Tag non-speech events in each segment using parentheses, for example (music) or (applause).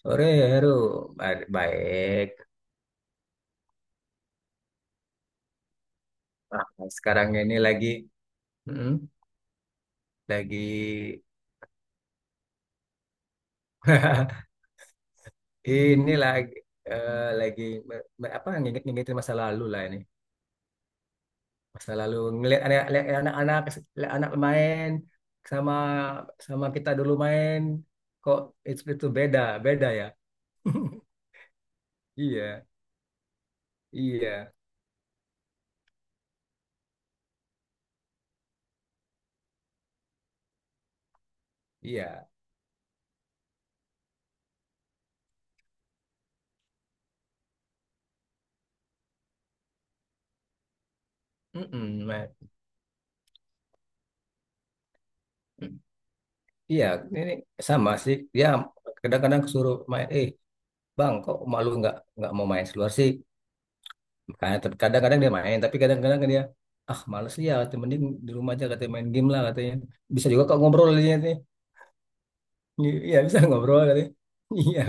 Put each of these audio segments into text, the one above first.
Sore ya Heru, baik. Ah, sekarang ini mm, lagi, (laughs) ini lagi, lagi apa nginget-ngingetin masa lalu lah ini. Masa lalu lihat anak-anak, lihat anak main sama sama kita dulu main, kok itu beda, beda ya. (laughs) Iya, iya, iya. Mm-mm, ma- Iya, ini sama sih. Dia kadang-kadang suruh main, eh Bang, kok malu nggak mau main keluar sih? Makanya ter- kadang-kadang dia main, tapi kadang-kadang dia ah males ya, katanya, mending di rumah aja katanya main game lah katanya. Bisa juga kok ngobrol dia nih. Iya bisa (laughs) ngobrol katanya. Iya,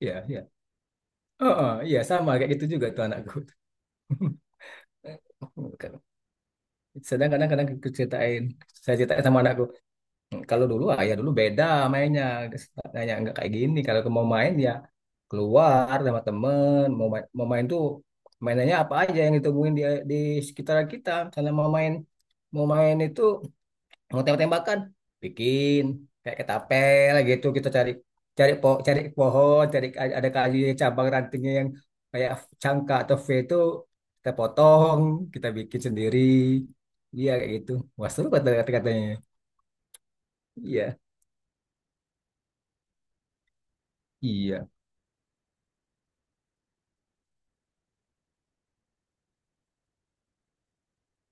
iya, iya. Oh, oh, iya sama kayak gitu juga tuh anakku. (laughs) Kadang- Sedang kadang-kadang aku ceritain, saya ceritain sama anakku. Hmm, kalau dulu ayah dulu beda mainnya, tanya nggak kayak gini. Kalau mau main ya keluar sama temen, mau main tuh mainannya apa aja yang ditemuin di sekitar kita. Misalnya mau main itu mau tembak-tembakan, bikin kayak ketapel gitu kita cari cari po cari pohon, cari ada kayu cabang rantingnya yang kayak cangka atau V itu kita potong, kita bikin sendiri. Iya kayak gitu. Wah seru kata-katanya. Iya. Iya.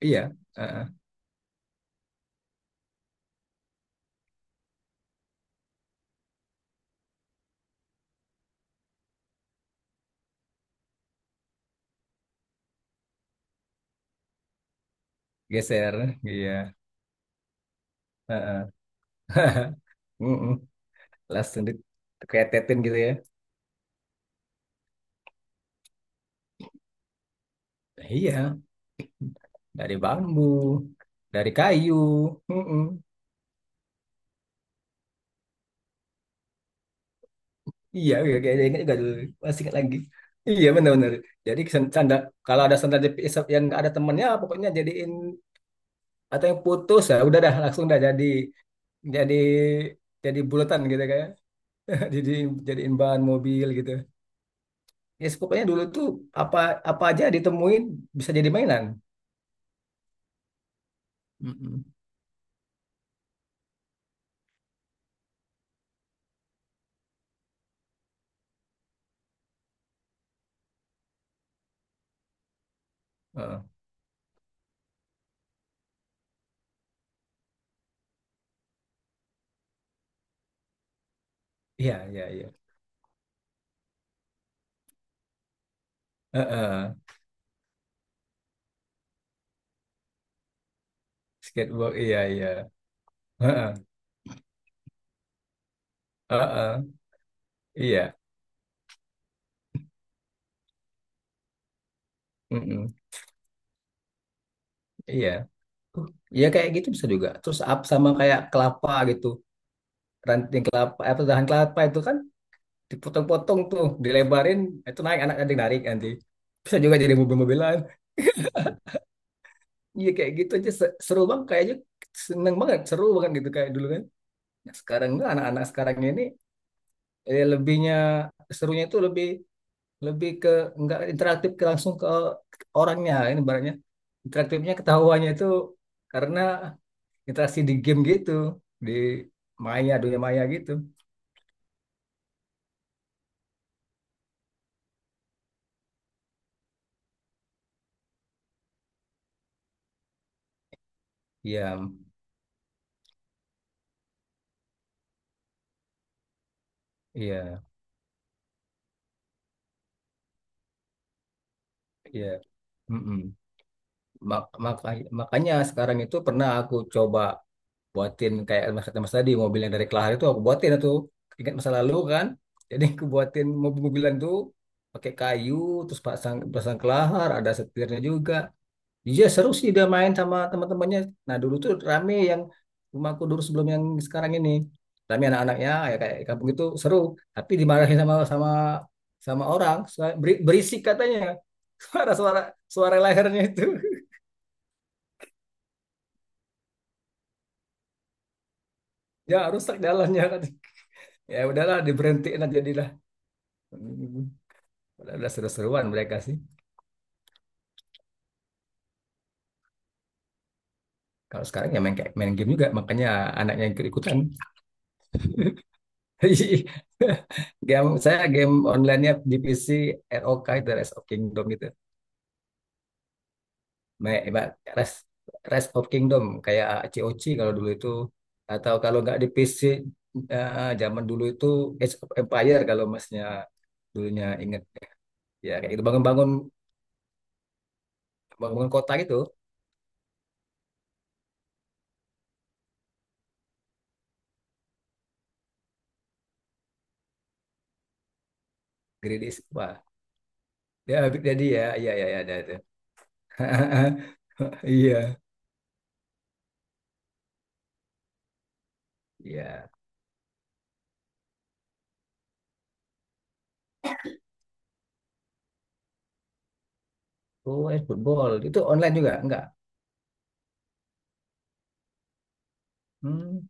Iya, heeh. Geser, iya. Heeh. (laughs) Mm-mm. Langsung diketetin gitu ya. Iya, dari bambu, dari kayu. Mm-mm. Iya, iya, kayaknya ingat juga dulu. Masih ingat lagi. Iya, benar-benar. Jadi sen- sandal, kalau ada sandal jepit yang nggak ada temennya, pokoknya jadiin atau yang putus ya, udah dah langsung dah jadi jadi bulatan gitu kayak. (laughs) Jadi jadiin bahan mobil gitu. Ya, pokoknya dulu tuh apa apa aja ditemuin bisa jadi mainan. Mm-mm. Heeh. Iya, iya, iya. Heeh. Skateboard, iya, iya. Heeh. Heeh. Iya. Mm-mm. Iya. Uh, iya kayak gitu bisa juga. Terus up sama kayak kelapa gitu. Ranting kelapa, apa dahan kelapa itu kan dipotong-potong tuh, dilebarin, itu naik anak adik narik nanti. Bisa juga jadi mobil-mobilan. Iya kayak gitu aja se- seru banget kayaknya seneng banget, seru banget gitu kayak dulu kan. Nah, sekarang enggak anak-anak sekarang ini lebihnya serunya itu lebih lebih ke nggak interaktif ke langsung ke orangnya ini barunya interaktifnya ketahuannya itu karena interaksi di game gitu di maya dunia maya gitu iya iya iya mm-mm. Mak- maka- makanya sekarang itu pernah aku coba buatin kayak mas, mas tadi mobil yang dari Kelahar itu aku buatin itu ingat masa lalu kan jadi aku buatin mobil-mobilan tuh pakai kayu terus pasang pasang kelahar ada setirnya juga. Iya seru sih dia main sama teman-temannya. Nah dulu tuh rame yang rumahku dulu sebelum yang sekarang ini. Rame anak-anaknya ya ya kayak di kampung itu seru. Tapi dimarahin sama sama sama orang Suara- beri- berisik katanya. (laughs) Suara-suara suara lehernya itu (laughs) ya rusak jalannya (laughs) katanya. Ya udahlah diberhentiin aja jadilah. Hmm, udah seru-seruan mereka sih. Kalau sekarang ya main kayak main game juga makanya anaknya yang ikut-ikutan. (laughs) Game saya game online-nya di PC ROK itu Rise of Kingdom itu. Baik, baik. Rise, Rise of Kingdom kayak c o c kalau dulu itu atau kalau nggak di PC zaman dulu itu Age of Empire kalau masnya dulunya inget ya kayak gitu bangun-bangun bangun kota gitu Gridis wah ya Big Daddy ya ya iya ya, ada itu (laughs) iya iya oh eh, football itu online juga enggak hmm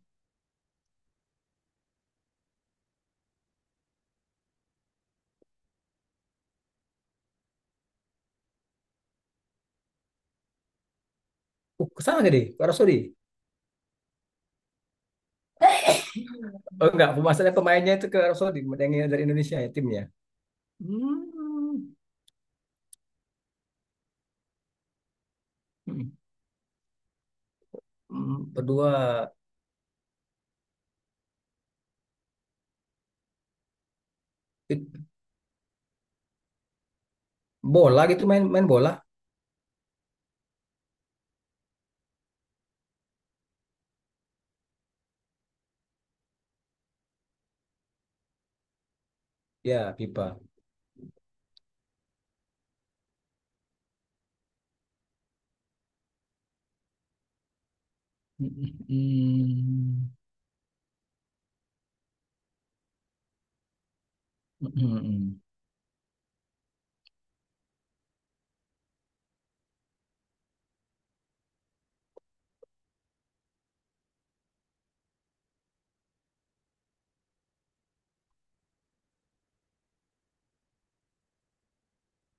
ke sana jadi ke Arab Saudi oh enggak maksudnya pemainnya itu ke Arab Saudi yang dari Indonesia ya timnya hmm. Hmm, hmm. Berdua it- bola gitu main main bola ya pipa. Mm-mm. Mm-mm.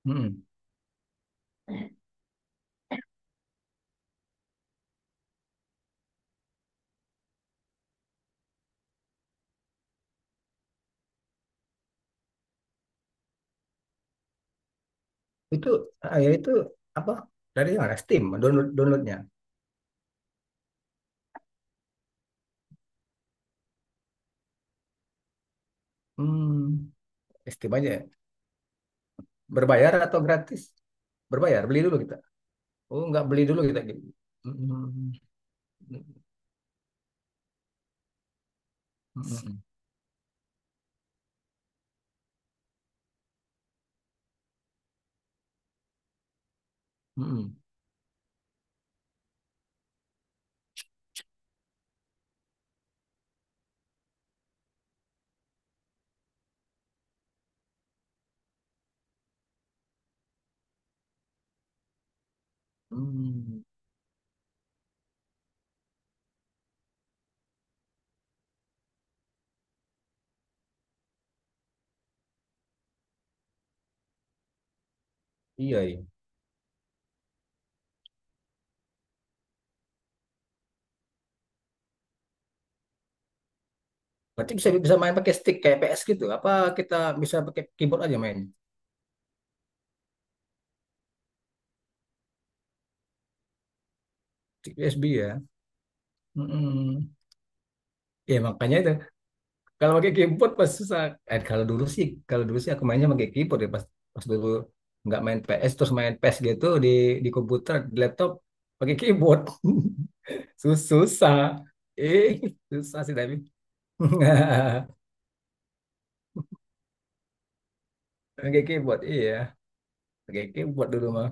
Mm-mm. Itu ah, ya itu apa dari mana Steam download downloadnya hmm, Steam aja ya. Berbayar atau gratis berbayar beli dulu kita oh nggak beli dulu kita gitu iya iya berarti bisa bisa main pakai stick kayak PS gitu apa kita bisa pakai keyboard aja main stick USB ya. Mm-mm. Ya makanya itu kalau pakai keyboard pas susah. Kalau dulu sih, kalau dulu sih aku mainnya pakai keyboard ya pas pas dulu nggak main PS terus main PS gitu di komputer, di laptop pakai keyboard. (laughs) Sus- susah. Eh, susah sih tapi. (laughs) Pakai keyboard, iya. Pakai keyboard dulu mah.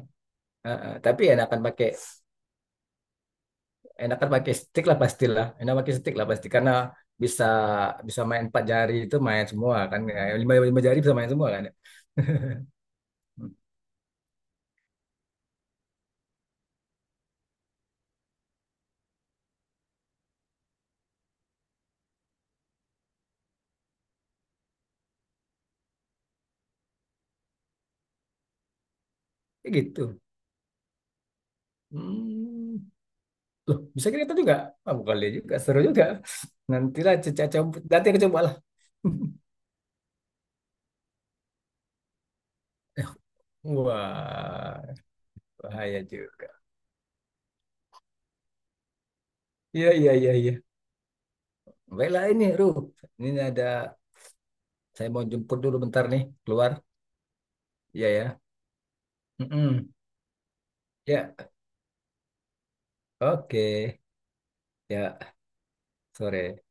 Ah, ah. Tapi enakan pakai stick lah pastilah. Enak pakai stick lah pasti karena bisa bisa main empat jari itu main semua kan. Eh, Lima lima jari bisa main semua kan. (laughs) Ya gitu. Hmm. Loh, bisa kita juga. Ah, bukan dia juga, seru juga. Nantilah Cica coba, nanti aku coba lah. (laughs) Wah, bahaya juga. Iya, iya, iya, iya. Baiklah ini, Ruh. Ini ada, saya mau jemput dulu bentar nih, keluar. Iya ya. Mm-mm. Ya, oke. Ya, sore.